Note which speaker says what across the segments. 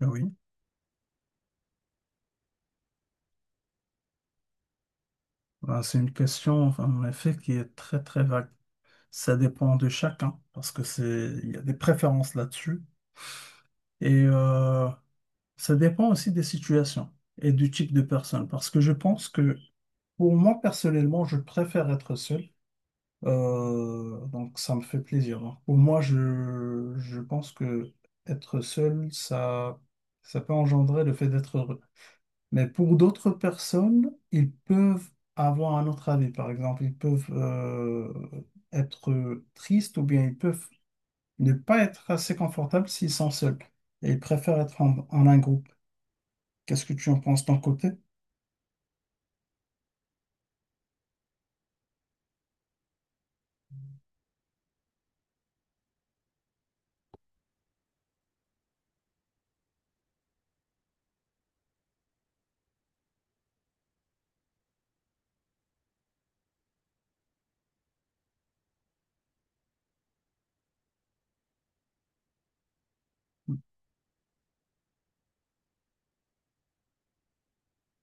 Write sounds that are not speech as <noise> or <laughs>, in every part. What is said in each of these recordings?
Speaker 1: Ah oui. Ah, c'est une question, enfin, en effet, qui est très, très vague. Ça dépend de chacun, parce que c'est, il y a des préférences là-dessus. Et ça dépend aussi des situations et du type de personne. Parce que je pense que, pour moi, personnellement, je préfère être seul. Donc, ça me fait plaisir, hein. Pour moi, je pense que être seul, ça peut engendrer le fait d'être heureux. Mais pour d'autres personnes, ils peuvent avoir un autre avis. Par exemple, ils peuvent être tristes ou bien ils peuvent ne pas être assez confortables s'ils sont seuls. Et ils préfèrent être en un groupe. Qu'est-ce que tu en penses d'un côté?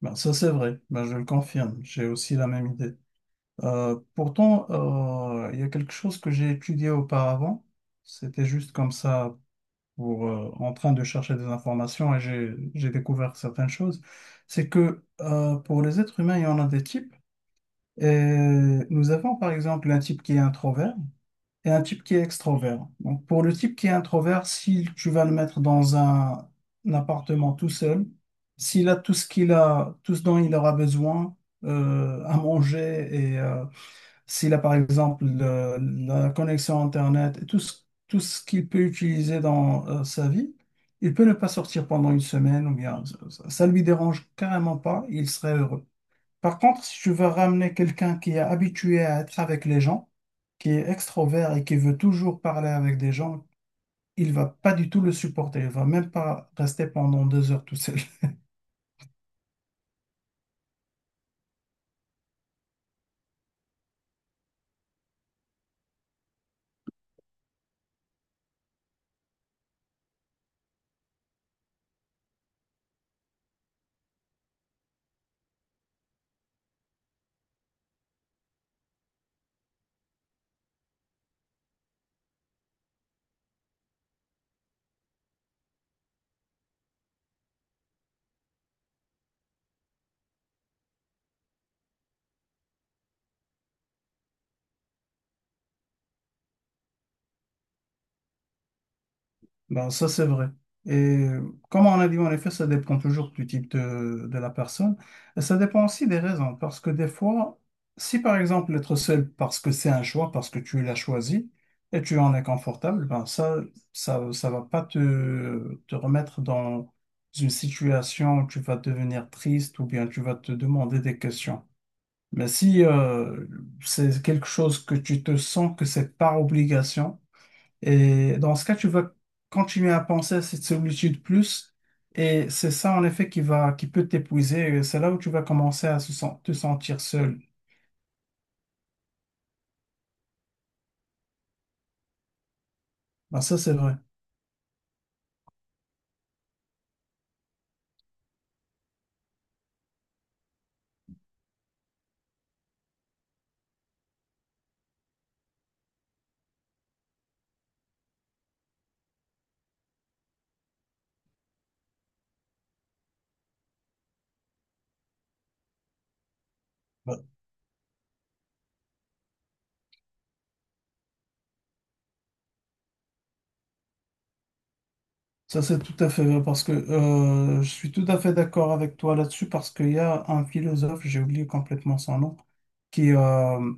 Speaker 1: Ben, ça, c'est vrai. Ben, je le confirme, j'ai aussi la même idée. Pourtant, il y a quelque chose que j'ai étudié auparavant, c'était juste comme ça, pour, en train de chercher des informations, et j'ai découvert certaines choses. C'est que pour les êtres humains, il y en a des types, et nous avons par exemple un type qui est introvert, et un type qui est extrovert. Donc, pour le type qui est introvert, si tu vas le mettre dans un appartement tout seul, s'il a tout ce qu'il a, tout ce dont il aura besoin, à manger et s'il a par exemple la connexion Internet et tout ce qu'il peut utiliser dans sa vie, il peut ne pas sortir pendant une semaine ou bien ça, ça lui dérange carrément pas, il serait heureux. Par contre, si tu veux ramener quelqu'un qui est habitué à être avec les gens, qui est extrovert et qui veut toujours parler avec des gens, il va pas du tout le supporter. Il va même pas rester pendant deux heures tout seul. Ben, ça, c'est vrai. Et comme on a dit, en effet, ça dépend toujours du type de la personne. Et ça dépend aussi des raisons. Parce que des fois, si par exemple, être seul parce que c'est un choix, parce que tu l'as choisi et tu en es confortable, ben ça, ça va pas te remettre dans une situation où tu vas devenir triste ou bien tu vas te demander des questions. Mais si c'est quelque chose que tu te sens que c'est par obligation, et dans ce cas, tu vas continuer à penser à cette solitude plus, et c'est ça en effet qui va, qui peut t'épuiser. Et c'est là où tu vas commencer à te sentir seul. Ben, ça, c'est vrai. Ça, c'est tout à fait vrai, parce que je suis tout à fait d'accord avec toi là-dessus, parce qu'il y a un philosophe, j'ai oublié complètement son nom, qui, euh,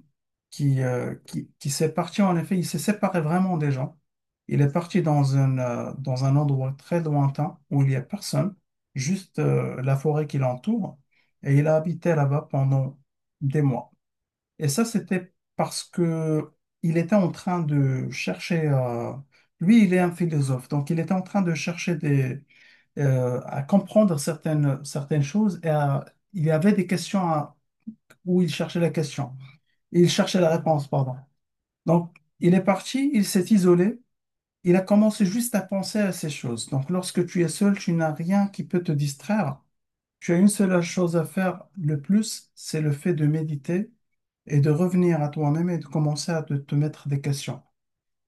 Speaker 1: qui s'est parti en effet, il s'est séparé vraiment des gens. Il est parti dans dans un endroit très lointain où il n'y a personne, juste la forêt qui l'entoure, et il a habité là-bas pendant des mois. Et ça, c'était parce que il était en train de chercher. Lui, il est un philosophe, donc il était en train de chercher des, à comprendre certaines choses et il y avait des questions où il cherchait la question. Il cherchait la réponse, pardon. Donc, il est parti, il s'est isolé, il a commencé juste à penser à ces choses. Donc, lorsque tu es seul, tu n'as rien qui peut te distraire. Tu as une seule chose à faire le plus, c'est le fait de méditer et de revenir à toi-même et de commencer à te mettre des questions.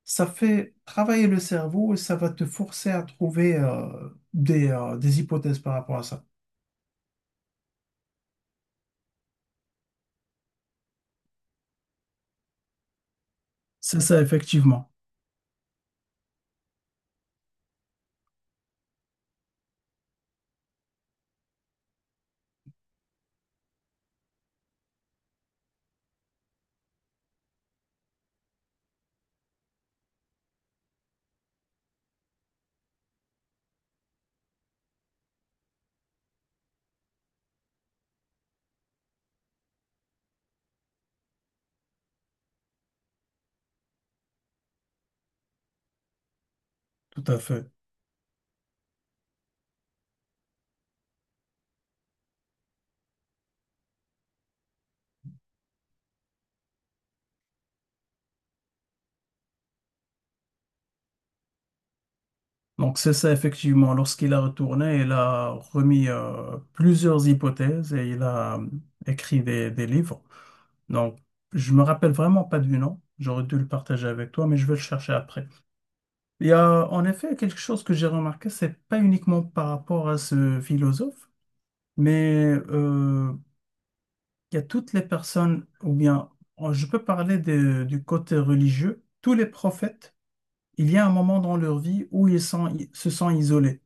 Speaker 1: Ça fait travailler le cerveau et ça va te forcer à trouver des hypothèses par rapport à ça. C'est ça, effectivement. Tout à fait. Donc c'est ça, effectivement. Lorsqu'il a retourné, il a remis plusieurs hypothèses et il a écrit des livres. Donc, je me rappelle vraiment pas du nom. J'aurais dû le partager avec toi, mais je vais le chercher après. Il y a en effet quelque chose que j'ai remarqué, c'est pas uniquement par rapport à ce philosophe, mais il y a toutes les personnes, ou bien oh, je peux parler du côté religieux, tous les prophètes, il y a un moment dans leur vie où ils se sont isolés.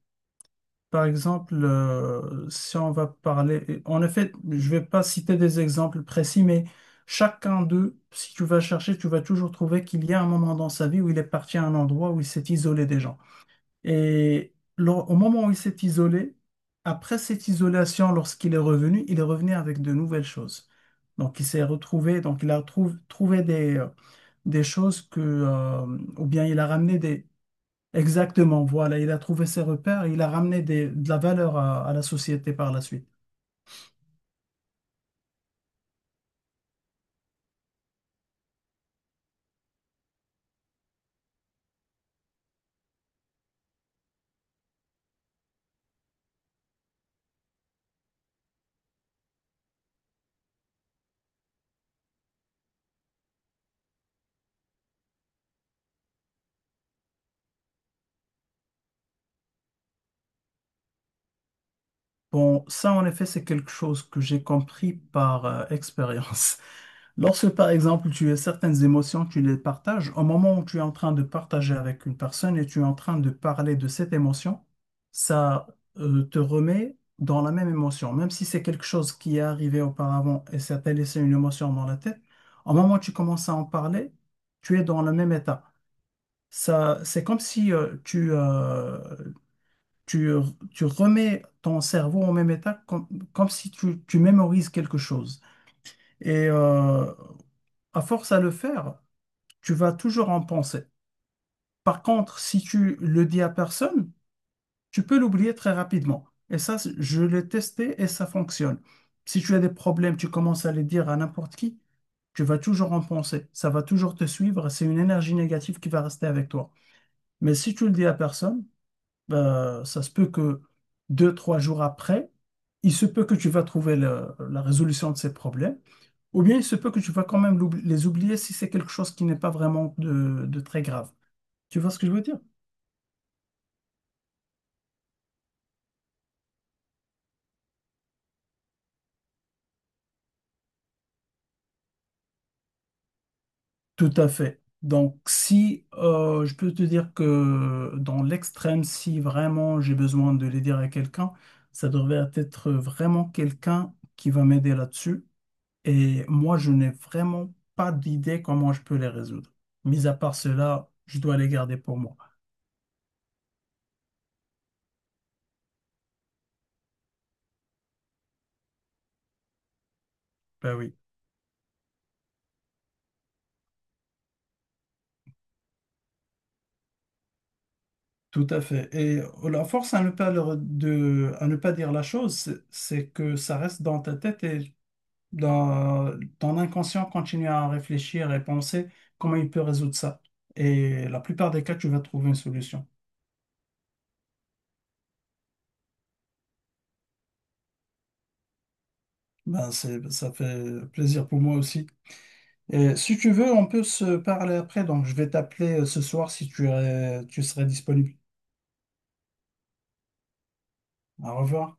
Speaker 1: Par exemple, si on va parler, en effet, je vais pas citer des exemples précis, mais chacun d'eux, si tu vas chercher, tu vas toujours trouver qu'il y a un moment dans sa vie où il est parti à un endroit où il s'est isolé des gens. Et au moment où il s'est isolé, après cette isolation, lorsqu'il est revenu, il est revenu avec de nouvelles choses. Donc, il s'est retrouvé, donc il a trouvé des choses que, ou bien il a ramené. Exactement, voilà, il a trouvé ses repères, il a ramené de la valeur à la société par la suite. Bon, ça en effet, c'est quelque chose que j'ai compris par expérience. <laughs> Lorsque, par exemple, tu as certaines émotions, tu les partages, au moment où tu es en train de partager avec une personne et tu es en train de parler de cette émotion, ça te remet dans la même émotion. Même si c'est quelque chose qui est arrivé auparavant et ça t'a laissé une émotion dans la tête, au moment où tu commences à en parler, tu es dans le même état. Ça, c'est comme si tu, tu remets ton cerveau en même état, comme, comme si tu mémorises quelque chose. Et à force à le faire, tu vas toujours en penser. Par contre, si tu le dis à personne, tu peux l'oublier très rapidement. Et ça, je l'ai testé et ça fonctionne. Si tu as des problèmes, tu commences à les dire à n'importe qui, tu vas toujours en penser. Ça va toujours te suivre. C'est une énergie négative qui va rester avec toi. Mais si tu le dis à personne, ça se peut que deux, trois jours après, il se peut que tu vas trouver la résolution de ces problèmes, ou bien il se peut que tu vas quand même les oublier si c'est quelque chose qui n'est pas vraiment de très grave. Tu vois ce que je veux dire? Tout à fait. Donc, si je peux te dire que dans l'extrême, si vraiment j'ai besoin de les dire à quelqu'un, ça devrait être vraiment quelqu'un qui va m'aider là-dessus. Et moi, je n'ai vraiment pas d'idée comment je peux les résoudre. Mis à part cela, je dois les garder pour moi. Ben oui, tout à fait. Et la force à ne pas, à ne pas dire la chose, c'est que ça reste dans ta tête et dans ton inconscient continue à réfléchir et penser comment il peut résoudre ça. Et la plupart des cas, tu vas trouver une solution. Ben, c'est, ça fait plaisir pour moi aussi. Et si tu veux, on peut se parler après. Donc, je vais t'appeler ce soir si tu serais disponible. Au revoir.